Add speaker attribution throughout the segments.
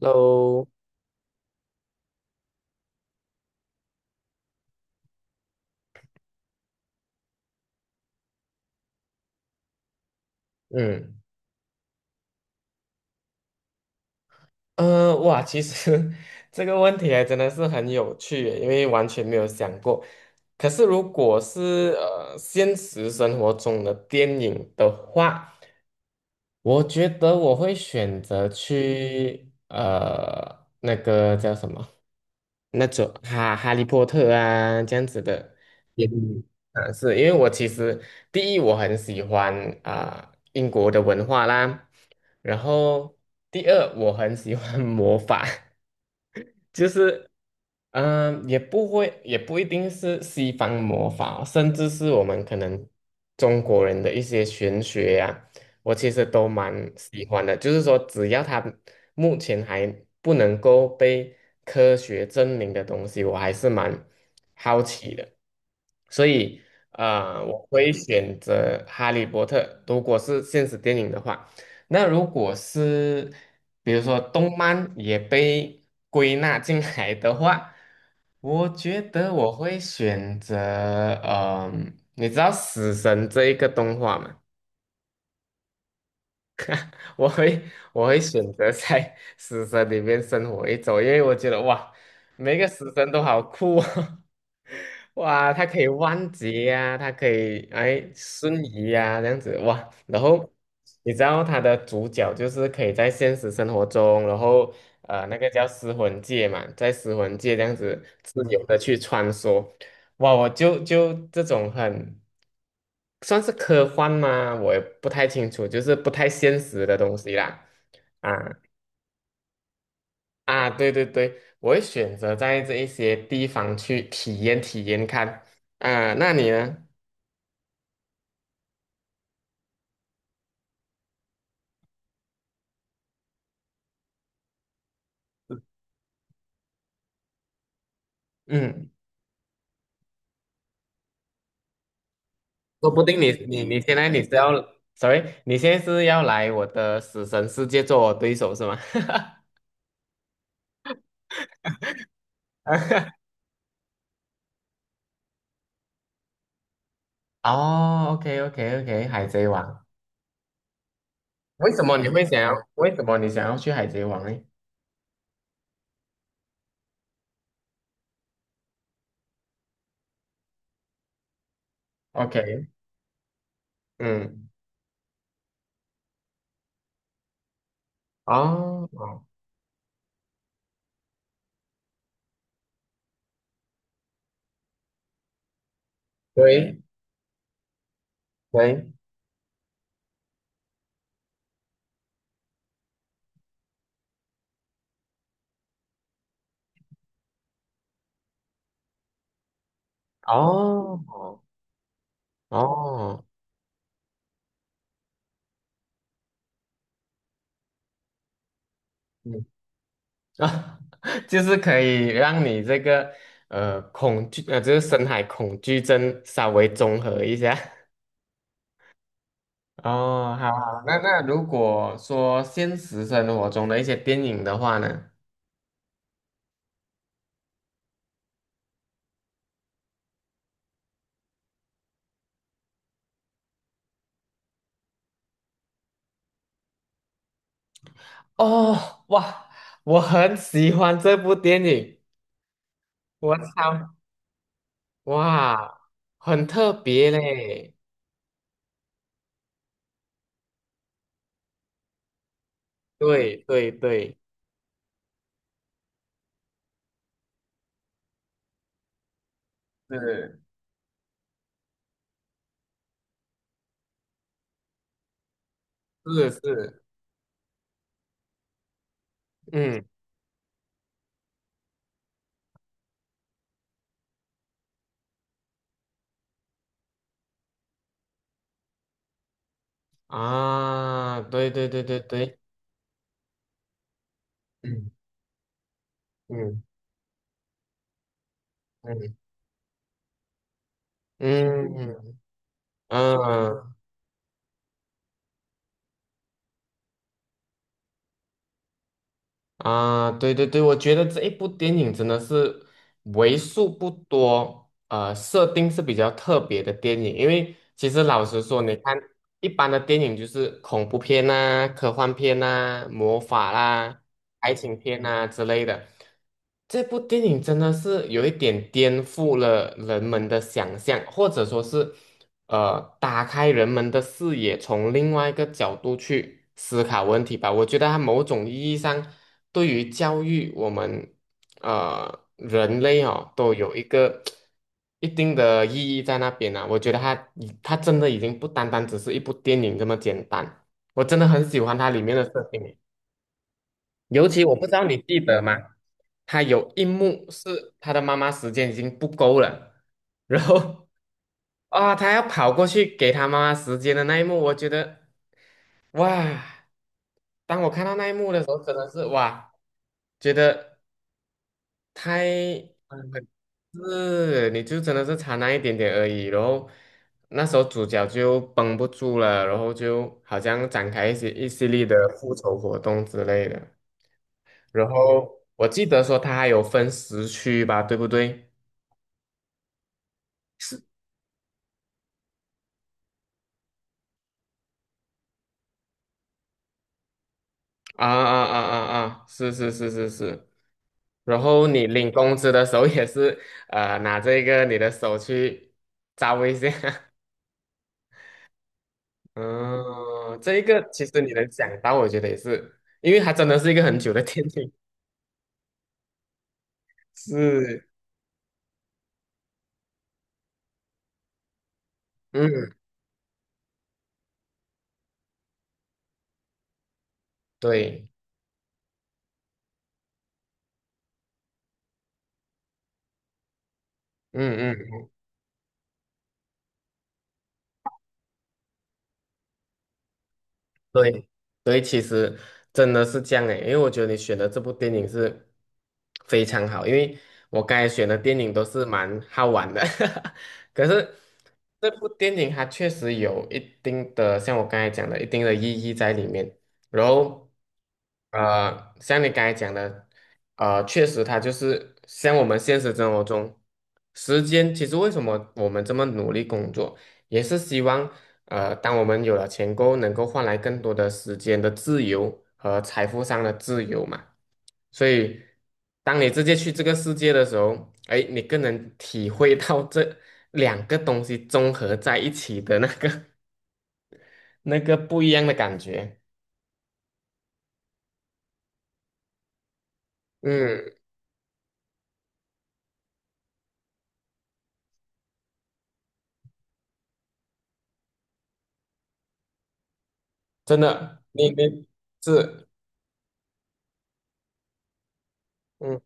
Speaker 1: 喽，嗯哇，其实 这个问题还真的是很有趣耶，因为完全没有想过。可是如果是现实生活中的电影的话，我觉得我会选择去那个叫什么，那种哈利波特啊这样子的。电影，啊，是因为我其实第一我很喜欢啊、英国的文化啦，然后第二，我很喜欢 魔法，就是也不会，也不一定是西方魔法哦，甚至是我们可能中国人的一些玄学呀、我其实都蛮喜欢的。就是说，只要它目前还不能够被科学证明的东西，我还是蛮好奇的。所以，我会选择《哈利波特》，如果是现实电影的话。那如果是比如说动漫也被归纳进来的话，我觉得我会选择，你知道《死神》这一个动画吗？我会我会选择在 死神里面生活一周，因为我觉得哇，每个死神都好酷哦。哇，它可以弯截呀、它可以哎瞬移呀、这样子哇，然后你知道它的主角就是可以在现实生活中，然后那个叫尸魂界嘛，在尸魂界这样子自由的去穿梭，哇，我就这种很。算是科幻吗？我也不太清楚，就是不太现实的东西啦。啊啊，对对对，我会选择在这一些地方去体验体验看。啊，那你呢？嗯，说不定你现在你是要，sorry，你现在是要来我的死神世界做我对手是吗？哦，OK OK OK，海贼王，为什么你会想要？为什么你想要去海贼王呢？OK，嗯，哦，哦，对对。哦哦，嗯啊，就是可以让你这个恐惧就是深海恐惧症稍微综合一下。哦，好好，那如果说现实生活中的一些电影的话呢？哦，哇，我很喜欢这部电影，我操，哇，很特别嘞，对对对，是是是，嗯啊，对对对对对。嗯嗯嗯嗯嗯啊，对对对，我觉得这一部电影真的是为数不多，设定是比较特别的电影。因为其实老实说，你看一般的电影就是恐怖片呐、科幻片呐、魔法啦、爱情片呐、之类的。这部电影真的是有一点颠覆了人们的想象，或者说是。打开人们的视野，从另外一个角度去思考问题吧。我觉得它某种意义上对于教育我们人类哦，都有一个一定的意义在那边呢、我觉得它真的已经不单单只是一部电影这么简单，我真的很喜欢它里面的设定。尤其我不知道你记得吗？他有一幕是他的妈妈时间已经不够了，然后 啊，他要跑过去给他妈妈时间的那一幕，我觉得哇，当我看到那一幕的时候，真的是哇，觉得太嗯是，你就真的是差那一点点而已，然后那时候主角就绷不住了，然后就好像展开一系列的复仇活动之类的。然后我记得说它还有分时区吧，对不对？是，啊啊啊啊啊！是是是是是。然后你领工资的时候也是，拿这个你的手去招一下。嗯，这一个其实你能想到，我觉得也是，因为它真的是一个很久的 天影。是，嗯，对，嗯嗯。对，所以其实真的是这样诶，因为我觉得你选的这部电影是非常好，因为我刚才选的电影都是蛮好玩的，可是这部电影它确实有一定的，像我刚才讲的，一定的意义在里面。然后，像你刚才讲的，确实它就是像我们现实生活中，时间其实为什么我们这么努力工作？也是希望当我们有了钱够，能够换来更多的时间的自由和财富上的自由嘛。所以，当你直接去这个世界的时候，哎，你更能体会到这两个东西综合在一起的那个 那个不一样的感觉。嗯，真的，你是。嗯。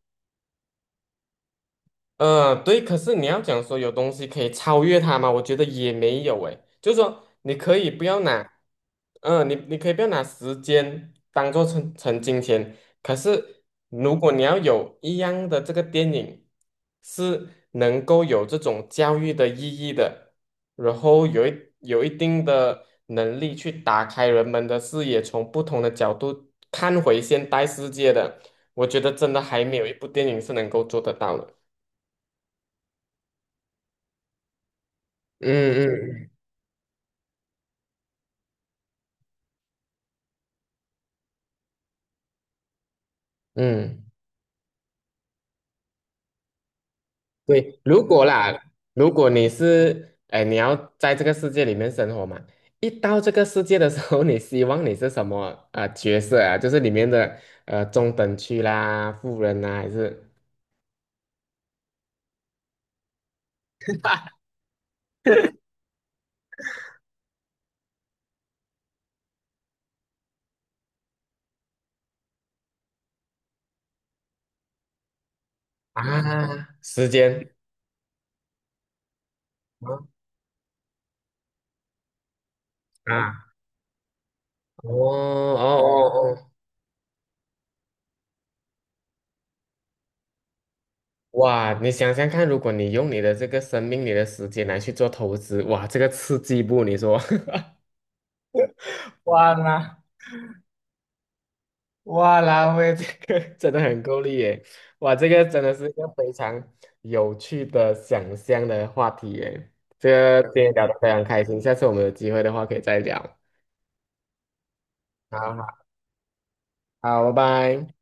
Speaker 1: 对，可是你要讲说有东西可以超越它吗？我觉得也没有诶，就是说你可以不要拿，你可以不要拿时间当做成金钱，可是如果你要有一样的这个电影是能够有这种教育的意义的，然后有一定的能力去打开人们的视野，从不同的角度看回现代世界的，我觉得真的还没有一部电影是能够做得到的。嗯嗯嗯，对，如果啦，如果你是，哎，你要在这个世界里面生活嘛，一到这个世界的时候，你希望你是什么角色啊？就是里面的中等区啦、富人啦，还是啊时间啊？哦哦哦哦，哇！你想想看，如果你用你的这个生命、你的时间来去做投资，哇，这个刺激不？你说？哇啦！哇拉菲这个 真的很够力耶！哇，这个真的是一个非常有趣的想象的话题耶。这个今天聊得非常开心，下次我们有机会的话可以再聊。好好，好，拜拜。